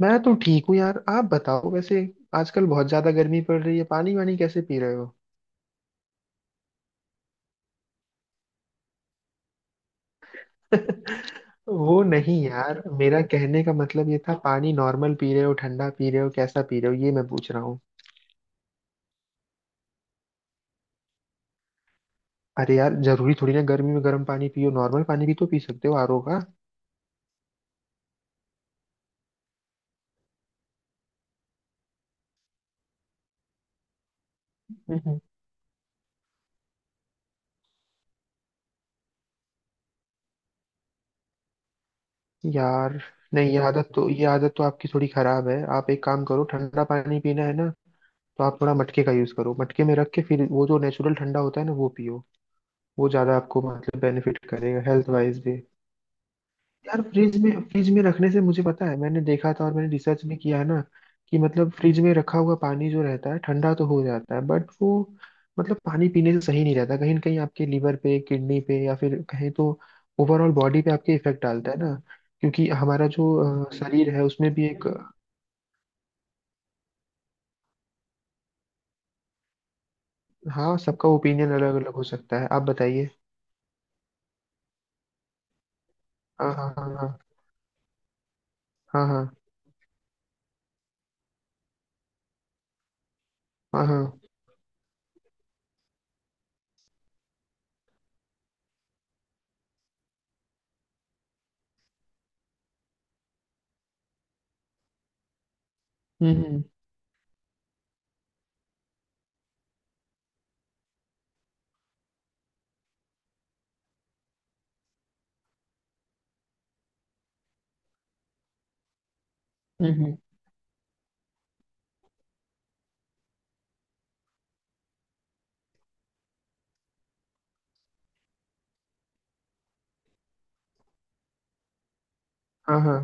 मैं तो ठीक हूँ यार। आप बताओ, वैसे आजकल बहुत ज्यादा गर्मी पड़ रही है, पानी वानी कैसे पी रहे हो? वो नहीं यार, मेरा कहने का मतलब ये था, पानी नॉर्मल पी रहे हो, ठंडा पी रहे हो, कैसा पी रहे हो, ये मैं पूछ रहा हूँ। अरे यार, जरूरी थोड़ी ना गर्मी में गर्म पानी पियो, नॉर्मल पानी भी तो पी सकते हो, आरओ का। हम्म। यार नहीं ये आदत तो आपकी थोड़ी खराब है। आप एक काम करो, ठंडा पानी पीना है ना, तो आप थोड़ा मटके का यूज करो, मटके में रख के फिर वो जो नेचुरल ठंडा होता है ना, वो पियो। वो ज्यादा आपको मतलब बेनिफिट करेगा हेल्थ वाइज। यार फ्रिज में रखने से मुझे पता है, मैंने देखा था और मैंने रिसर्च भी किया है ना, कि मतलब फ्रिज में रखा हुआ पानी जो रहता है, ठंडा तो हो जाता है, बट वो मतलब पानी पीने से सही नहीं रहता। कहीं ना कहीं आपके लीवर पे, किडनी पे, या फिर कहीं तो ओवरऑल बॉडी पे आपके इफेक्ट डालता है ना। क्योंकि हमारा जो शरीर है उसमें भी एक। हाँ, सबका ओपिनियन अलग अलग हो सकता है, आप बताइए। हाँ हाँ हाँ हाँ। हाँ हाँ हाँ हाँ। हम्म हम्म हम्म, हाँ हाँ।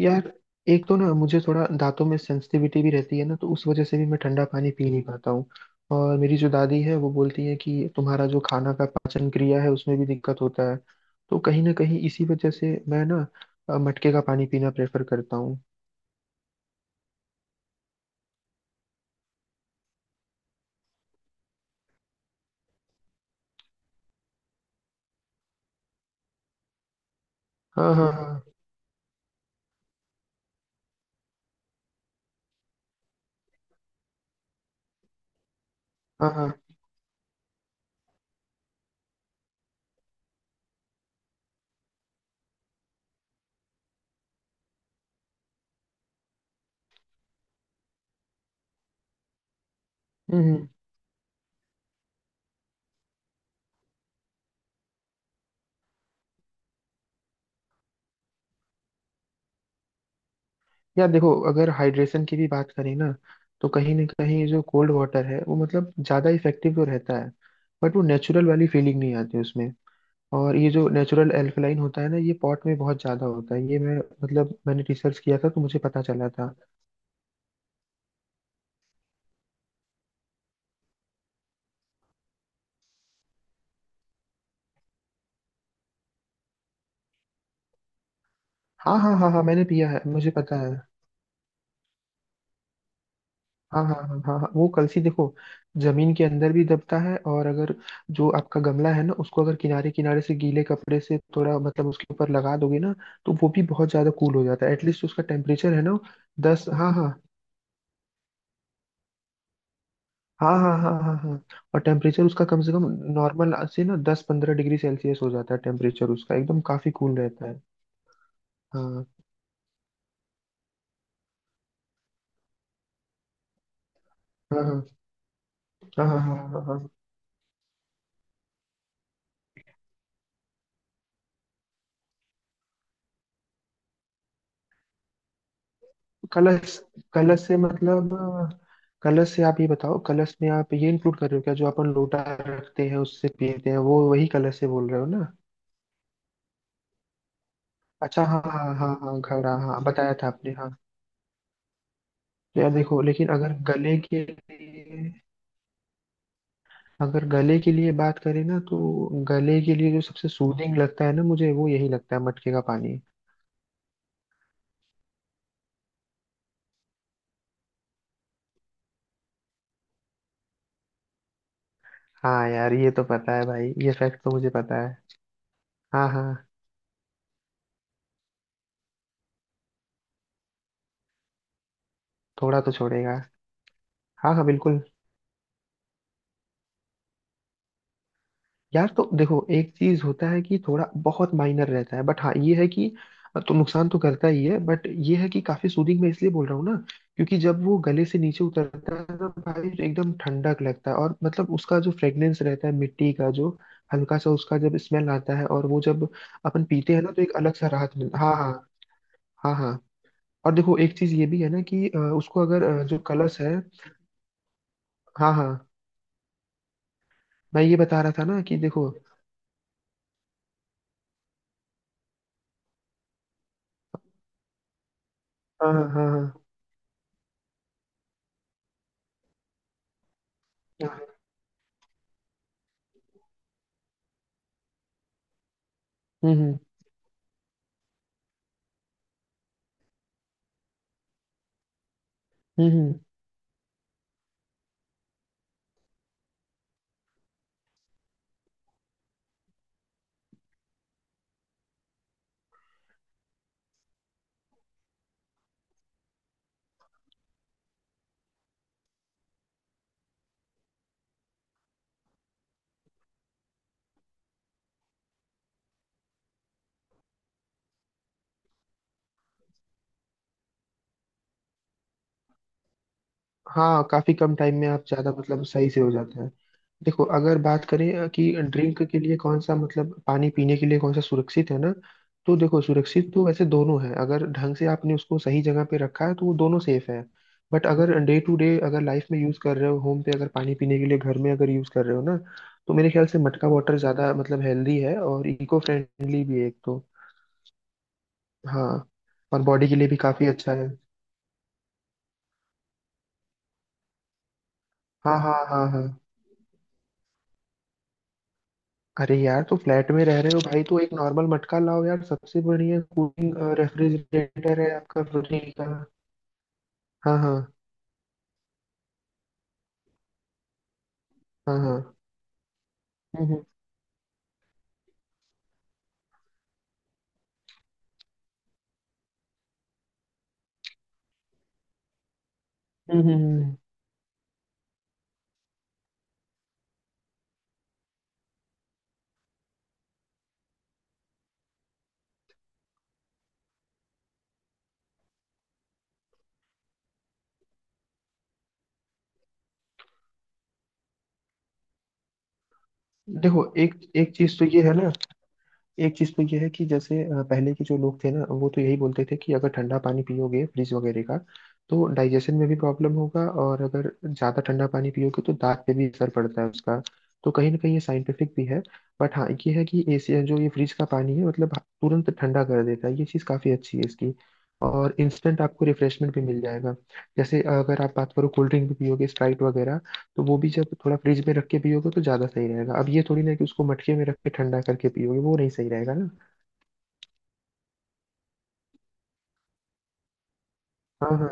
यार एक तो ना मुझे थोड़ा दांतों में सेंसिटिविटी भी रहती है ना, तो उस वजह से भी मैं ठंडा पानी पी नहीं पाता हूँ। और मेरी जो दादी है वो बोलती है कि तुम्हारा जो खाना का पाचन क्रिया है उसमें भी दिक्कत होता है। तो कहीं ना कहीं इसी वजह से मैं ना मटके का पानी पीना प्रेफर करता हूँ। हाँ हाँ हाँ हाँ हाँ। हम्म हम्म। यार देखो, अगर हाइड्रेशन की भी बात करें ना, तो कहीं ना कहीं जो कोल्ड वाटर है वो मतलब ज़्यादा इफेक्टिव तो रहता है, बट वो नेचुरल वाली फीलिंग नहीं आती उसमें। और ये जो नेचुरल एल्कलाइन होता है ना, ये पॉट में बहुत ज्यादा होता है। ये मैं मतलब मैंने रिसर्च किया था तो मुझे पता चला था। हाँ हाँ हाँ हाँ, मैंने पिया है, मुझे पता है। हाँ हाँ हाँ हाँ हाँ, वो कलसी देखो, जमीन के अंदर भी दबता है। और अगर जो आपका गमला है ना, उसको अगर किनारे किनारे से गीले कपड़े से थोड़ा मतलब उसके ऊपर लगा दोगे ना, तो वो भी बहुत ज्यादा कूल हो जाता है, एटलीस्ट उसका टेम्परेचर है ना। दस, हाँ हाँ। हाँ हाँ हाँ हाँ हाँ। और टेम्परेचर उसका कम से कम नॉर्मल से ना 10-15 डिग्री सेल्सियस हो जाता है, टेम्परेचर उसका एकदम काफी कूल रहता है। हाँ हाँ हाँ हाँ हाँ। हाँ, हाँ। हाँ। कलश, कलश से मतलब, कलश से आप ये बताओ, कलश में आप ये इंक्लूड कर रहे हो क्या, जो अपन लोटा रखते हैं उससे पीते हैं, वो वही कलश से बोल रहे हो ना? अच्छा हाँ हाँ हाँ हाँ, घड़ा, हाँ बताया था आपने, हाँ। तो यार देखो, लेकिन अगर गले के लिए, अगर गले के लिए बात करें ना, तो गले के लिए जो सबसे सूदिंग लगता है ना मुझे, वो यही लगता है, मटके का पानी। हाँ यार ये तो पता है भाई, ये फैक्ट तो मुझे पता है। हाँ हाँ, थोड़ा तो छोड़ेगा। हाँ हाँ बिल्कुल। यार तो देखो एक चीज होता है कि थोड़ा बहुत माइनर रहता है, बट हाँ, ये है कि तो नुकसान तो करता ही है, बट ये है कि काफी सूदिंग मैं इसलिए बोल रहा हूँ ना, क्योंकि जब वो गले से नीचे उतरता है ना भाई, तो एकदम ठंडक लगता है। और मतलब उसका जो फ्रेग्रेंस रहता है मिट्टी का, जो हल्का सा उसका जब स्मेल आता है, और वो जब अपन पीते हैं ना, तो एक अलग सा राहत मिलता है। हाँ हाँ हाँ हाँ। और देखो, एक चीज ये भी है ना कि उसको अगर जो कलश है। हाँ हाँ, मैं ये बता रहा था ना कि देखो। हाँ हाँ हाँ हाँ। हम्म हम्म हम्म हम्म। हाँ, काफी कम टाइम में आप ज्यादा मतलब सही से हो जाता है। देखो अगर बात करें कि ड्रिंक के लिए कौन सा मतलब, पानी पीने के लिए कौन सा सुरक्षित है ना, तो देखो सुरक्षित तो वैसे दोनों है, अगर ढंग से आपने उसको सही जगह पे रखा है तो वो दोनों सेफ है। बट अगर डे टू डे, अगर लाइफ में यूज कर रहे हो, होम पे अगर पानी पीने के लिए घर में अगर यूज कर रहे हो ना, तो मेरे ख्याल से मटका वाटर ज्यादा मतलब हेल्दी है, और इको फ्रेंडली भी है एक तो। हाँ, और बॉडी के लिए भी काफी अच्छा है। हाँ हाँ हाँ हाँ। अरे यार, तो फ्लैट में रह रहे हो भाई तो एक नॉर्मल मटका लाओ यार, सबसे बढ़िया कूलिंग रेफ्रिजरेटर है, आपका फ्रिज का। हाँ हाँ हाँ हाँ। हम्म हम्म हम्म, हम्म, हम्म। देखो एक एक चीज तो ये है ना, एक चीज तो यह है कि जैसे पहले के जो लोग थे ना, वो तो यही बोलते थे कि अगर ठंडा पानी पियोगे फ्रिज वगैरह का, तो डाइजेशन में भी प्रॉब्लम होगा, और अगर ज्यादा ठंडा पानी पियोगे तो दांत पे भी असर पड़ता है उसका। तो कहीं ना कहीं ये साइंटिफिक भी है। बट हाँ ये है कि एसी जो ये फ्रिज का पानी है मतलब तुरंत ठंडा कर देता है, ये चीज काफी अच्छी है इसकी। और इंस्टेंट आपको रिफ्रेशमेंट भी मिल जाएगा। जैसे अगर आप बात करो, कोल्ड ड्रिंक भी पियोगे स्प्राइट वगैरह, तो वो भी जब थोड़ा फ्रिज में रख के पियोगे तो ज्यादा सही रहेगा। अब ये थोड़ी ना कि उसको मटके में रख के ठंडा करके पियोगे, वो नहीं सही रहेगा ना। हाँ हाँ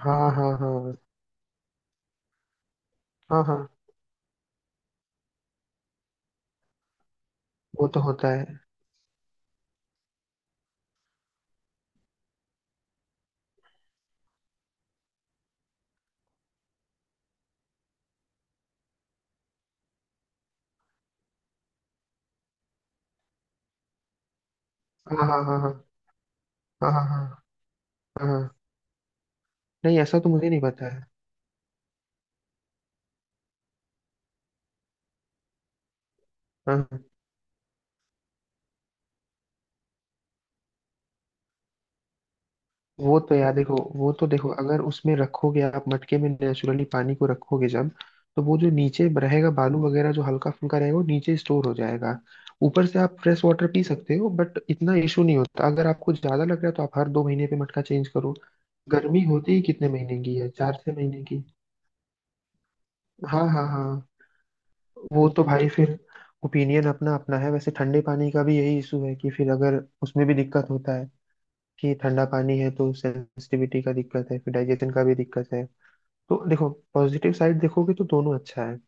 हाँ हाँ हाँ हाँ हाँ, वो तो होता है। हाँ हाँ हाँ हाँ हाँ हाँ हाँ। हाँ। हाँ। नहीं, ऐसा तो मुझे नहीं पता है। हाँ हाँ। वो तो यार देखो, वो तो देखो अगर उसमें रखोगे आप मटके में नेचुरली पानी को रखोगे, जब तो वो जो नीचे रहेगा बालू वगैरह जो हल्का फुल्का रहेगा वो नीचे स्टोर हो जाएगा। ऊपर से आप फ्रेश वाटर पी सकते हो, बट इतना इशू नहीं होता। अगर आपको ज्यादा लग रहा है तो आप हर 2 महीने पे मटका चेंज करो। गर्मी होती ही कितने महीने की है, 4-6 महीने की। हाँ हाँ हाँ, वो तो भाई फिर ओपिनियन अपना अपना है। वैसे ठंडे पानी का भी यही इशू है कि फिर अगर उसमें भी दिक्कत होता है, कि ठंडा पानी है तो सेंसिटिविटी का दिक्कत है, फिर डाइजेशन का भी दिक्कत है। तो देखो, पॉजिटिव साइड देखोगे तो दोनों अच्छा है।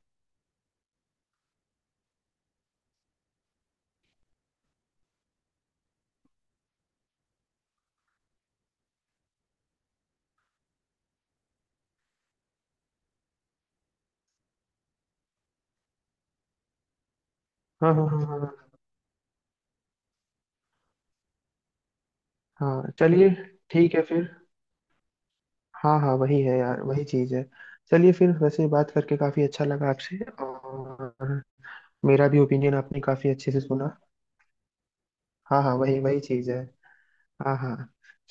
हाँ हाँ हाँ हाँ हाँ, चलिए ठीक है फिर। हाँ हाँ, वही है यार, वही चीज़ है। चलिए फिर, वैसे बात करके काफ़ी अच्छा लगा आपसे। और मेरा भी ओपिनियन आपने काफ़ी अच्छे से सुना। हाँ हाँ, वही वही चीज़ है। हाँ हाँ,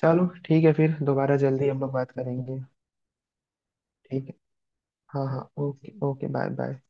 चलो ठीक है फिर, दोबारा जल्दी हम लोग बात करेंगे। ठीक है, हाँ हाँ, ओके ओके, बाय बाय।